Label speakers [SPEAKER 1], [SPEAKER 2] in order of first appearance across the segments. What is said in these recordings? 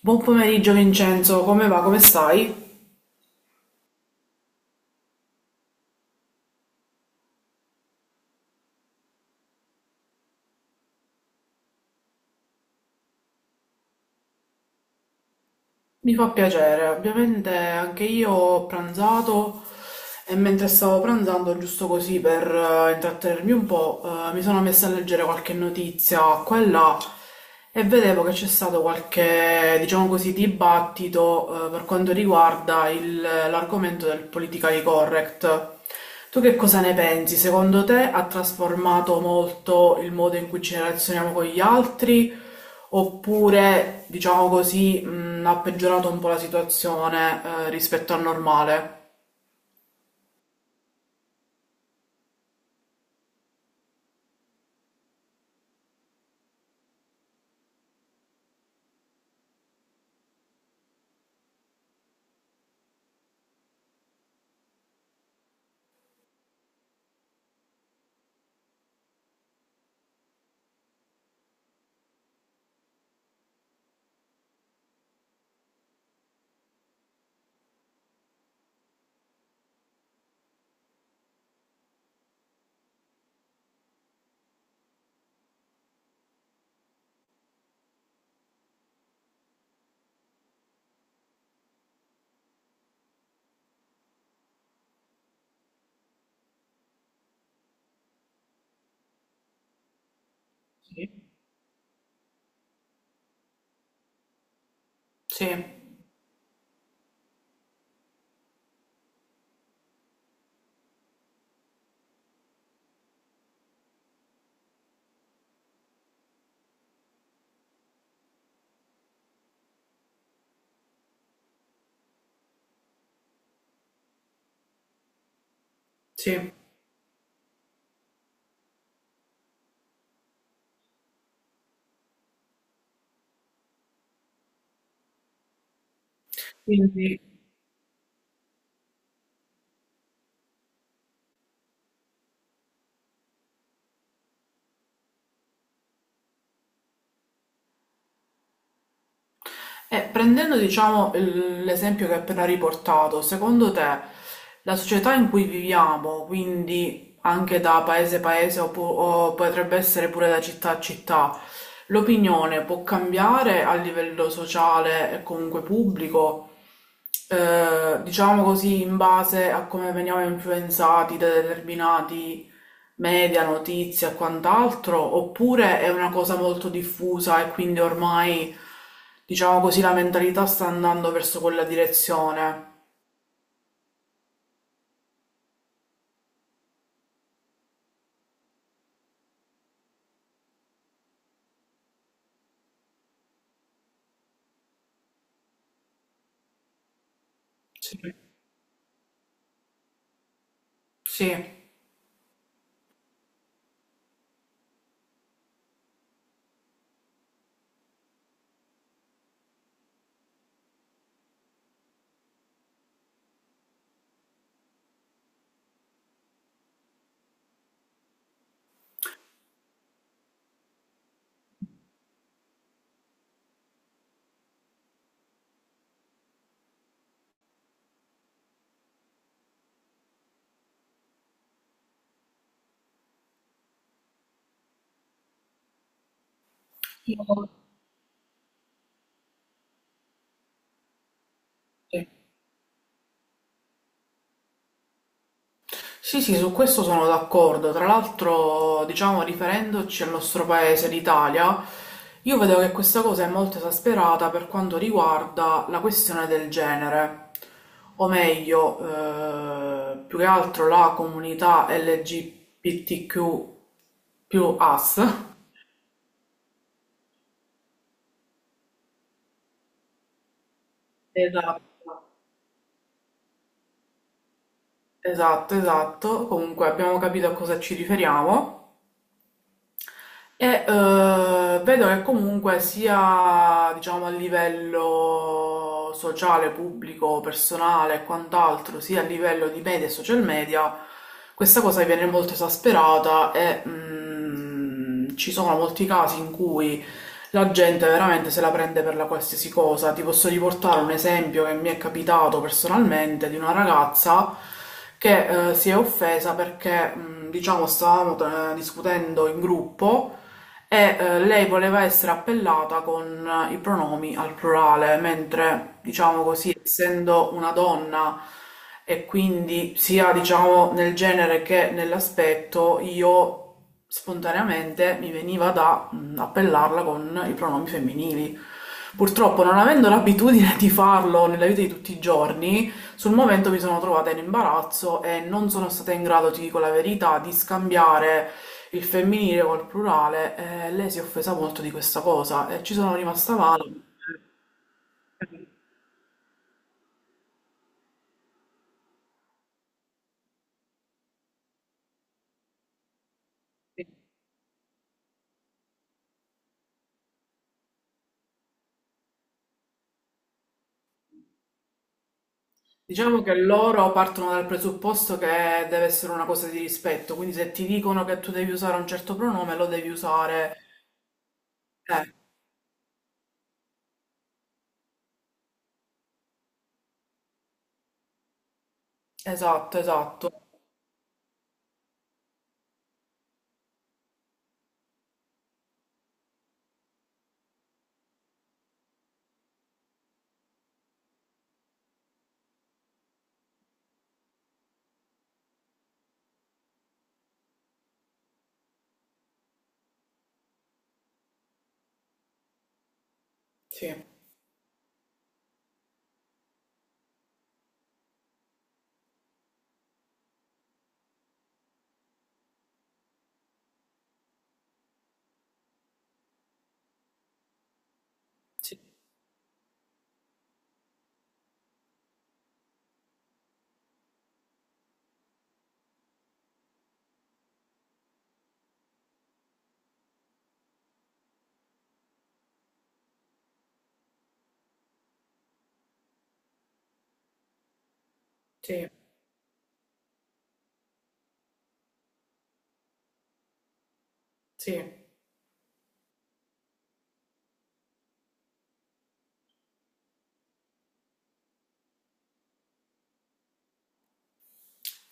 [SPEAKER 1] Buon pomeriggio Vincenzo, come va? Come stai? Mi fa piacere, ovviamente anche io ho pranzato e mentre stavo pranzando, giusto così per intrattenermi un po', mi sono messa a leggere qualche notizia qua e là e vedevo che c'è stato qualche, diciamo così, dibattito per quanto riguarda l'argomento del politically correct. Tu che cosa ne pensi? Secondo te ha trasformato molto il modo in cui ci relazioniamo con gli altri? Oppure, diciamo così, ha peggiorato un po' la situazione, rispetto al normale? Sì. Sì, sì. Quindi. E prendendo, diciamo, l'esempio che hai appena riportato, secondo te la società in cui viviamo, quindi anche da paese a paese o, o potrebbe essere pure da città a città, l'opinione può cambiare a livello sociale e comunque pubblico, diciamo così, in base a come veniamo influenzati da determinati media, notizie e quant'altro, oppure è una cosa molto diffusa e quindi ormai, diciamo così, la mentalità sta andando verso quella direzione. Sì. Sì. Io- sì. Sì, sì, su questo sono d'accordo. Tra l'altro, diciamo, riferendoci al nostro paese, l'Italia, io vedo che questa cosa è molto esasperata per quanto riguarda la questione del genere, o meglio, più che altro la comunità LGBTQ più AS. Esatto, esatto, esatto. Comunque abbiamo capito a cosa ci riferiamo. Vedo che comunque sia, diciamo, a livello sociale, pubblico, personale e quant'altro, sia a livello di media e social media, questa cosa viene molto esasperata e ci sono molti casi in cui la gente veramente se la prende per la qualsiasi cosa. Ti posso riportare un esempio che mi è capitato personalmente di una ragazza che si è offesa perché, diciamo, stavamo discutendo in gruppo lei voleva essere appellata con i pronomi al plurale, mentre, diciamo così, essendo una donna e quindi sia, diciamo, nel genere che nell'aspetto, io spontaneamente mi veniva da appellarla con i pronomi femminili. Purtroppo, non avendo l'abitudine di farlo nella vita di tutti i giorni, sul momento mi sono trovata in imbarazzo e non sono stata in grado, ti dico la verità, di scambiare il femminile col plurale e lei si è offesa molto di questa cosa e ci sono rimasta male. Diciamo che loro partono dal presupposto che deve essere una cosa di rispetto, quindi se ti dicono che tu devi usare un certo pronome, lo devi usare. Eh, esatto, esatto. Sì, sì, sì, sì.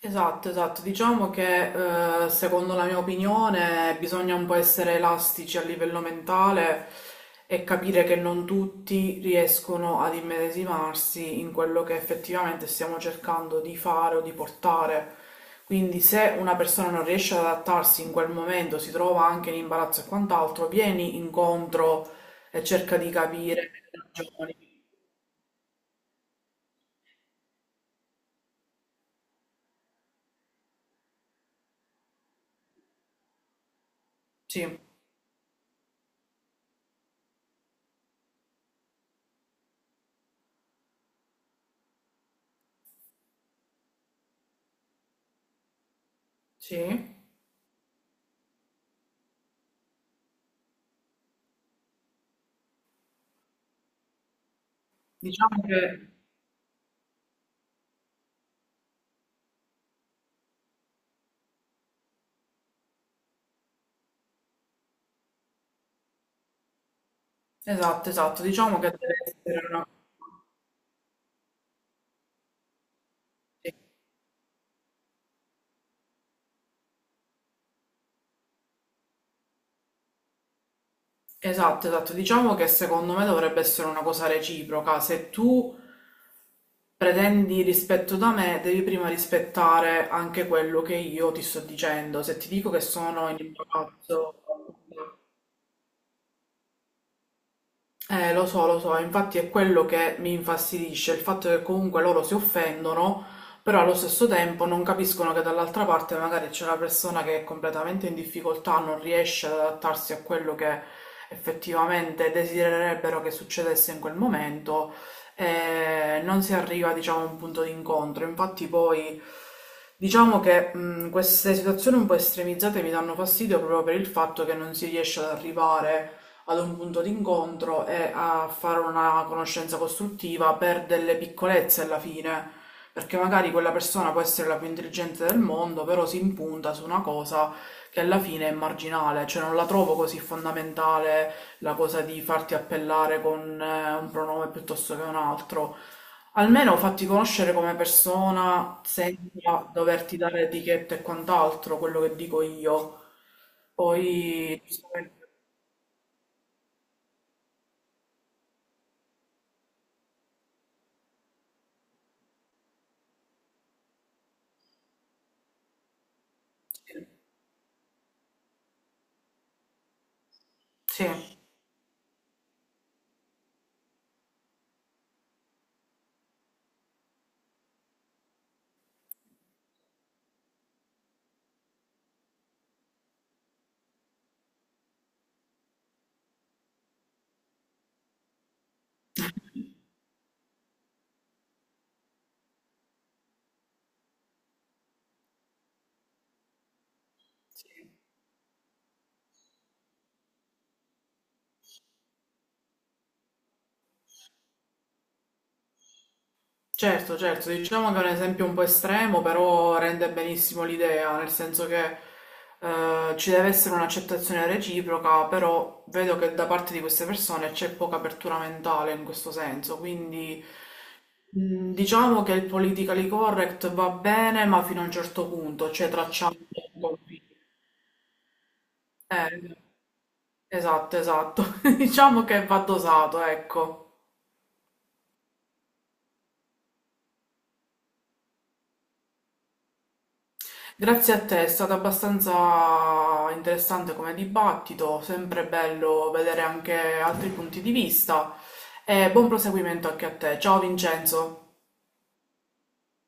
[SPEAKER 1] Esatto, esatto. Diciamo che secondo la mia opinione bisogna un po' essere elastici a livello mentale e capire che non tutti riescono ad immedesimarsi in quello che effettivamente stiamo cercando di fare o di portare. Quindi se una persona non riesce ad adattarsi in quel momento, si trova anche in imbarazzo e quant'altro, vieni incontro e cerca di capire le ragioni. Sì, sì. Diciamo che, esatto, esatto, diciamo che deve essere una. Esatto, esatto. Diciamo che secondo me dovrebbe essere una cosa reciproca. Se tu pretendi rispetto da me, devi prima rispettare anche quello che io ti sto dicendo. Se ti dico che sono in imbarazzo, eh, lo so, infatti è quello che mi infastidisce, il fatto che comunque loro si offendono, però allo stesso tempo non capiscono che dall'altra parte magari c'è una persona che è completamente in difficoltà, non riesce ad adattarsi a quello che effettivamente desidererebbero che succedesse in quel momento e non si arriva, diciamo, a un punto di incontro. Infatti poi diciamo che queste situazioni un po' estremizzate mi danno fastidio proprio per il fatto che non si riesce ad arrivare ad un punto d'incontro e a fare una conoscenza costruttiva per delle piccolezze alla fine, perché magari quella persona può essere la più intelligente del mondo, però si impunta su una cosa che alla fine è marginale, cioè non la trovo così fondamentale la cosa di farti appellare con un pronome piuttosto che un altro. Almeno fatti conoscere come persona senza doverti dare etichette e quant'altro, quello che dico io. Poi, sì. Sì. Certo, certo, diciamo che è un esempio un po' estremo, però rende benissimo l'idea, nel senso che ci deve essere un'accettazione reciproca, però vedo che da parte di queste persone c'è poca apertura mentale in questo senso, quindi diciamo che il politically correct va bene, ma fino a un certo punto, cioè tracciamo i confini. Eh, esatto, esatto, diciamo che va dosato, ecco. Grazie a te, è stato abbastanza interessante come dibattito, sempre bello vedere anche altri punti di vista e buon proseguimento anche a te. Ciao Vincenzo.